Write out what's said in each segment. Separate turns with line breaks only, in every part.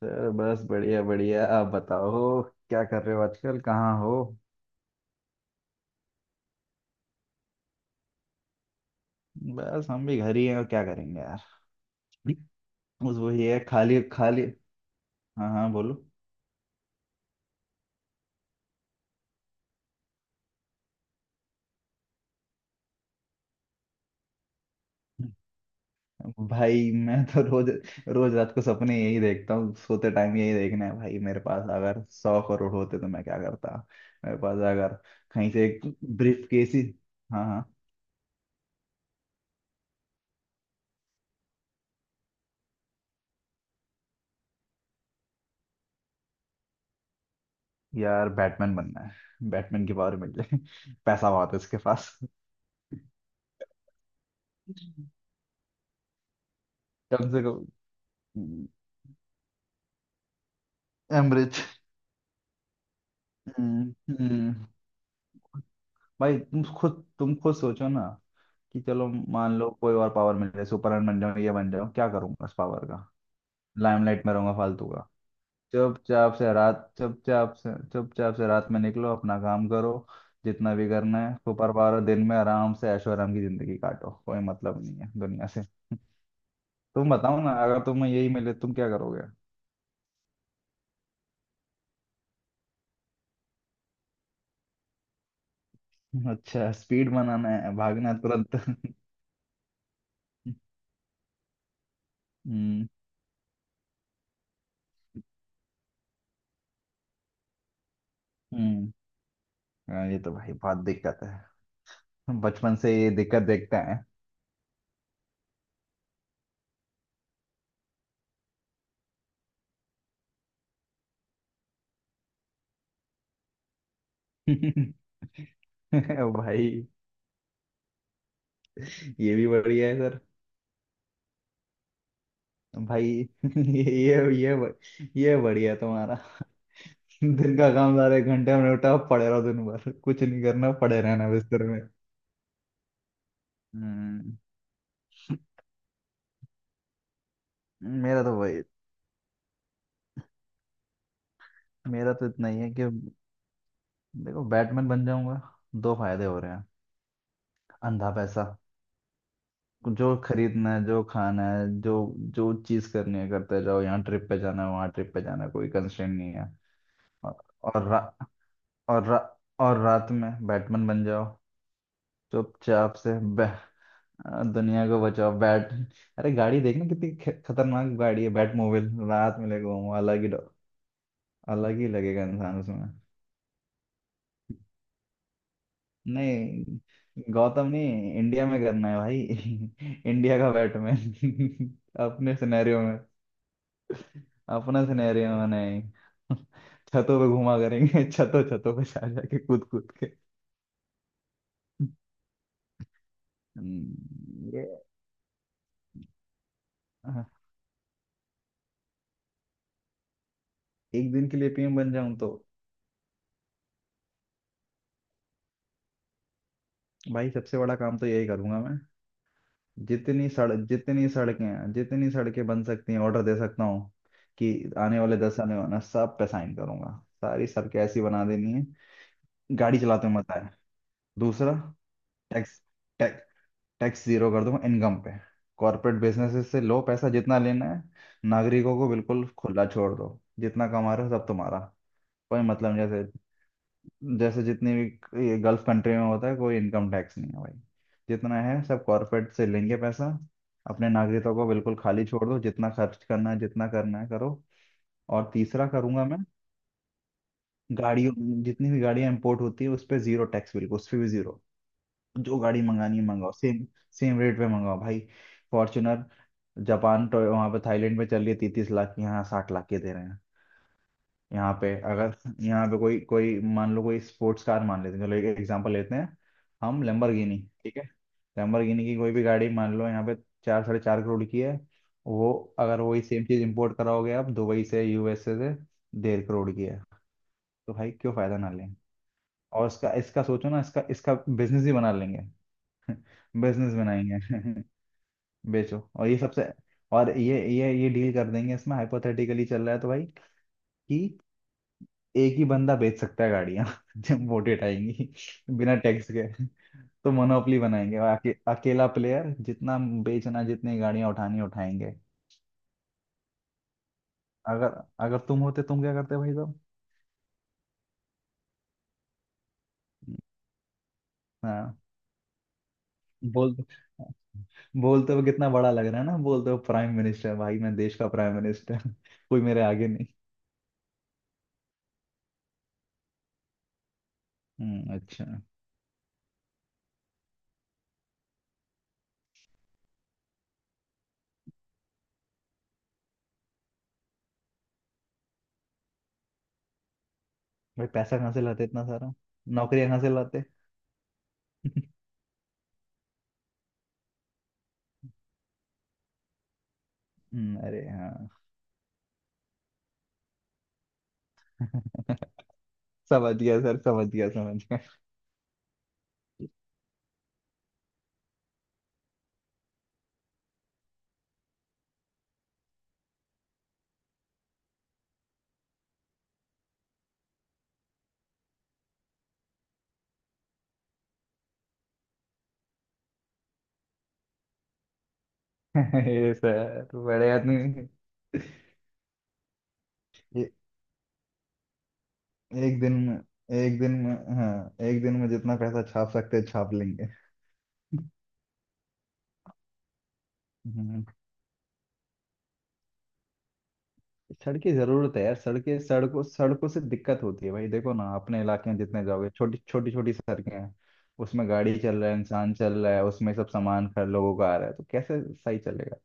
Sir, बस बढ़िया बढ़िया। आप बताओ, क्या कर रहे हो आजकल? कहाँ हो? बस हम भी घर ही हैं, और क्या करेंगे यार। बस वही है, खाली खाली। हाँ हाँ, बोलो। भाई मैं तो रोज रोज रात को सपने यही देखता हूँ, सोते टाइम यही देखना है। भाई मेरे पास अगर 100 करोड़ होते तो मैं क्या करता। मेरे पास अगर कहीं से एक ब्रीफ केस ही। हाँ हाँ। यार, बैटमैन बनना है, बैटमैन की पावर मिल जाए। पैसा बहुत है उसके पास, कम से कम। एमरिच। हम्म हम्म। भाई तुम खुद सोचो ना, कि चलो, मान लो कोई और पावर मिल जाए, सुपरमैन बन जाऊं, ये बन जाऊं, क्या करूंगा इस पावर का। लाइमलाइट में रहूंगा फालतू का। चुपचाप से रात में निकलो, अपना काम करो, जितना भी करना है सुपर पावर, दिन में आराम से ऐशो आराम की जिंदगी काटो, कोई मतलब नहीं है दुनिया से। तुम बताओ ना, अगर तुम्हें यही मिले तुम क्या करोगे। अच्छा, स्पीड बनाना है, भागना है तुरंत। हम्म हम्म। हाँ, ये तो भाई बहुत दिक्कत है, हम बचपन से ये दिक्कत देखते हैं। भाई, ये भी बढ़िया है सर। भाई ये ये ये ब- ये बढ़िया है तुम्हारा। दिन का काम सारे एक घंटे में निपटा, पड़े रहो दिन भर, कुछ नहीं करना, पड़े रहना बिस्तर में। हम्म। मेरा तो वही मेरा तो इतना ही है कि, देखो बैटमैन बन जाऊंगा, दो फायदे हो रहे हैं। अंधा पैसा, जो खरीदना है, जो खाना है, जो जो चीज करनी है करते जाओ, यहाँ ट्रिप पे जाना है, वहाँ ट्रिप पे जाना है, कोई कंस्ट्रेंट नहीं है। और और रा, और रात में बैटमैन बन जाओ, चुपचाप से दुनिया को बचाओ। बैट अरे गाड़ी देखना, कितनी खतरनाक गाड़ी है बैटमोबाइल, रात में लेके घूमो, अलग ही लगेगा इंसान उसमें। नहीं गौतम नहीं, इंडिया में करना है भाई। इंडिया का बैटमैन। अपने सिनेरियो में, अपना सिनेरियो में नहीं। छतों पे घुमा करेंगे। छतों छतों पे जा जाके कूद कूद के। ये। हाँ, एक दिन के लिए पीएम बन जाऊं तो भाई सबसे बड़ा काम तो यही करूंगा मैं। जितनी सड़कें हैं, जितनी सड़कें बन सकती हैं, ऑर्डर दे सकता हूँ कि आने वाले दस, आने वाला सब पे साइन करूंगा, सारी सड़कें ऐसी बना देनी है, गाड़ी चलाते हुए मजा है। दूसरा, टैक्स टैक्स टैक्स जीरो कर दूंगा इनकम पे। कॉर्पोरेट बिजनेसेस से लो पैसा, जितना लेना है। नागरिकों को बिल्कुल खुला छोड़ दो, जितना कमा रहे हो सब तुम्हारा। कोई मतलब नहीं, जैसे जैसे जितनी भी ये गल्फ कंट्री में होता है, कोई इनकम टैक्स नहीं है भाई, जितना है सब कॉर्पोरेट से लेंगे पैसा, अपने नागरिकों को बिल्कुल खाली छोड़ दो, जितना खर्च करना है, जितना करना है करो। और तीसरा करूंगा मैं, गाड़ियों जितनी भी गाड़ियां इंपोर्ट होती है उस पर जीरो टैक्स, बिल्कुल उस पर भी जीरो, जो गाड़ी मंगानी है मंगाओ, सेम सेम रेट पे मंगाओ भाई। फॉर्च्यूनर जापान, तो वहां पे थाईलैंड में चल रही है 33 लाख की, यहाँ 60 लाख की दे रहे हैं। यहाँ पे अगर यहाँ पे कोई कोई मान लो, कोई स्पोर्ट्स कार मान लेते हैं, चलो एक एग्जांपल लेते हैं, हम लैम्बोर्गिनी, ठीक है, लैम्बोर्गिनी की कोई भी गाड़ी मान लो, यहाँ पे चार, साढ़े चार करोड़ की है। वो, अगर वही सेम चीज इंपोर्ट कराओगे आप दुबई से, यूएसए से, डेढ़ करोड़ की है। तो भाई क्यों फायदा ना लें। और इसका इसका सोचो ना, इसका इसका बिजनेस ही बना लेंगे। बिजनेस बनाएंगे। बेचो। और ये सबसे, और ये डील कर देंगे इसमें, हाइपोथेटिकली चल रहा है तो भाई, कि एक ही बंदा बेच सकता है गाड़ियां। जब वोटें आएंगी, बिना टैक्स के, तो मोनोपोली बनाएंगे आके, अकेला प्लेयर, जितना बेचना, जितनी गाड़ियां उठानी उठाएंगे। अगर अगर तुम होते तुम क्या करते भाई साहब। हाँ, बोल। बोलते हुए कितना बड़ा लग रहा है ना, बोलते हुए प्राइम मिनिस्टर, भाई मैं देश का प्राइम मिनिस्टर, कोई मेरे आगे नहीं। अच्छा। भाई पैसा कहाँ से लाते इतना सारा, नौकरियां कहाँ से लाते। अरे हाँ। समझ गया सर, समझ गया, समझ गया। ये सर बड़े आदमी। ये एक दिन में, एक दिन में, हाँ, एक दिन में जितना पैसा छाप सकते हैं छाप लेंगे। हम्म। सड़क की जरूरत है यार, सड़कें सड़कों सड़कों से दिक्कत होती है भाई, देखो ना अपने इलाके में जितने जाओगे छोटी छोटी छोटी सड़कें हैं, उसमें गाड़ी चल रहा है, इंसान चल रहा है, उसमें सब सामान खर लोगों का आ रहा है, तो कैसे सही चलेगा।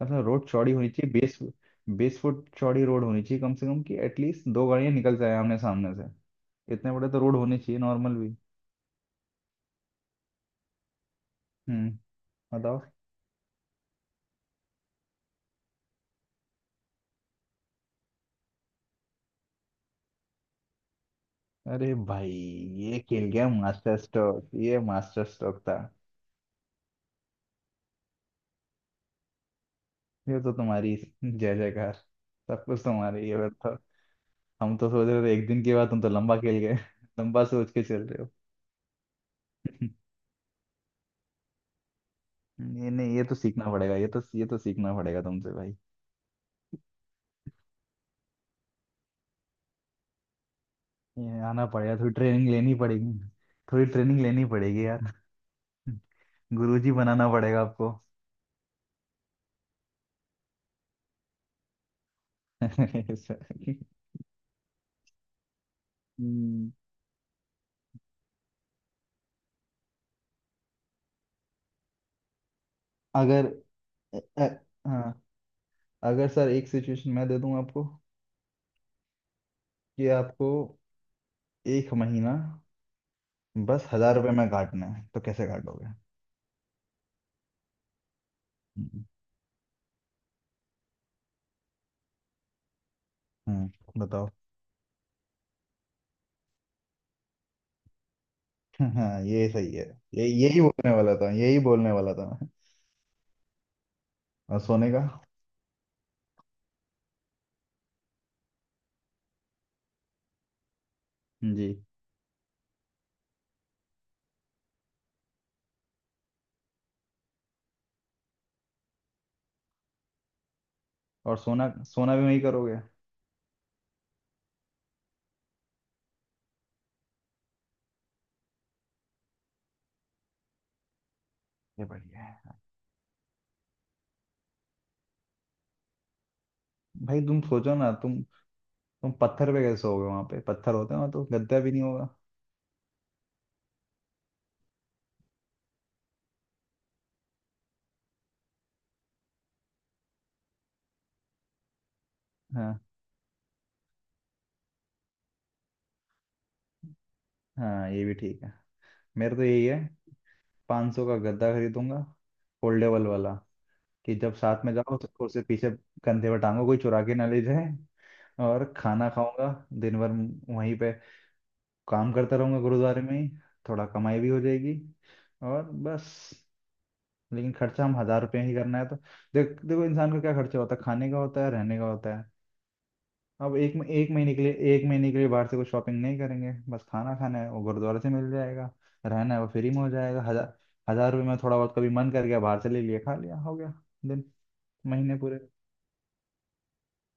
कम से कम रोड चौड़ी होनी चाहिए बीस, 20 फुट चौड़ी रोड होनी चाहिए कम से कम, कि एटलीस्ट दो गाड़ियां निकल जाए आमने सामने से, इतने बड़े तो रोड होने चाहिए नॉर्मल भी। हम्म, बताओ। अरे भाई, ये खेल गया मास्टर स्ट्रोक, ये मास्टर स्ट्रोक था। ये तो तुम्हारी जय जयकार, सब कुछ तुम्हारे। ये बताओ, हम तो सोच रहे थे एक दिन के बाद, तुम तो लंबा खेल गए। लंबा सोच के चल रहे हो। ये नहीं, ये तो सीखना पड़ेगा, ये तो सीखना पड़ेगा तुमसे भाई। ये आना पड़ेगा, थोड़ी ट्रेनिंग लेनी पड़ेगी यार। गुरुजी बनाना पड़ेगा आपको। हम्म, अगर अ- अ- हाँ, अगर सर एक सिचुएशन मैं दे दूं आपको, कि आपको एक महीना बस हजार रुपये में काटना है, तो कैसे काटोगे। हम्म हम्म, बताओ। हाँ, ये सही है, ये यही बोलने वाला था, यही बोलने वाला था मैं। और सोने का। जी। और सोना सोना भी वही करोगे? ये बढ़िया है। भाई तुम सोचो ना, तुम पत्थर पे कैसे सोओगे, वहां पे पत्थर होते हैं ना, तो गद्दा भी नहीं होगा। हाँ हाँ, ये भी ठीक है। मेरा तो यही है, 500 सौ का गद्दा खरीदूंगा, फोल्डेबल वाला, कि जब साथ में जाओ तो उसे पीछे कंधे पर टांगो, कोई चुरा के ना ले जाए। और खाना खाऊंगा दिन भर वहीं पे, काम करता रहूंगा गुरुद्वारे में ही, थोड़ा कमाई भी हो जाएगी। और बस, लेकिन खर्चा हम हजार रुपये ही करना है तो, देखो इंसान का क्या खर्चा होता है, खाने का होता है, रहने का होता है, अब एक एक महीने के लिए एक महीने के लिए बाहर से कुछ शॉपिंग नहीं करेंगे। बस खाना खाना है वो गुरुद्वारे से मिल जाएगा, रहना है वो फ्री में हो जाएगा, हजार, हजार रुपये में थोड़ा बहुत कभी मन कर गया बाहर से ले लिया, खा लिया, हो गया दिन, महीने पूरे।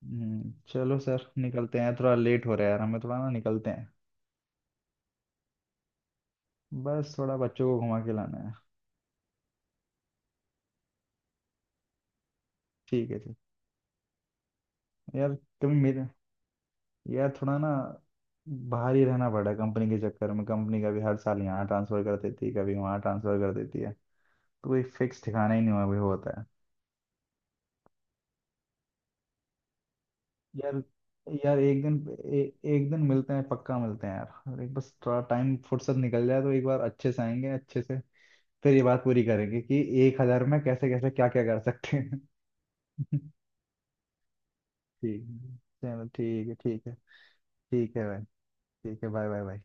चलो सर निकलते हैं, थोड़ा लेट हो रहा है यार, हमें थोड़ा ना निकलते हैं। बस थोड़ा बच्चों को घुमा के लाना है। ठीक है, ठीक। यार कभी मेरे यार थोड़ा ना, बाहर ही रहना पड़ा कंपनी के चक्कर में, कंपनी कभी हर साल यहाँ ट्रांसफर कर देती है, कभी वहाँ ट्रांसफर कर देती है, तो कोई फिक्स ठिकाना ही नहीं हुआ, अभी होता है। यार, यार एक दिन, एक दिन मिलते हैं, पक्का मिलते हैं यार, और एक, बस थोड़ा टाइम फुर्सत निकल जाए, तो एक बार अच्छे से आएंगे, अच्छे से फिर ये बात पूरी करेंगे कि एक हजार में कैसे कैसे क्या क्या कर सकते हैं। ठीक है, चलो ठीक है, ठीक है, ठीक है भाई, ठीक है, बाय बाय बाय।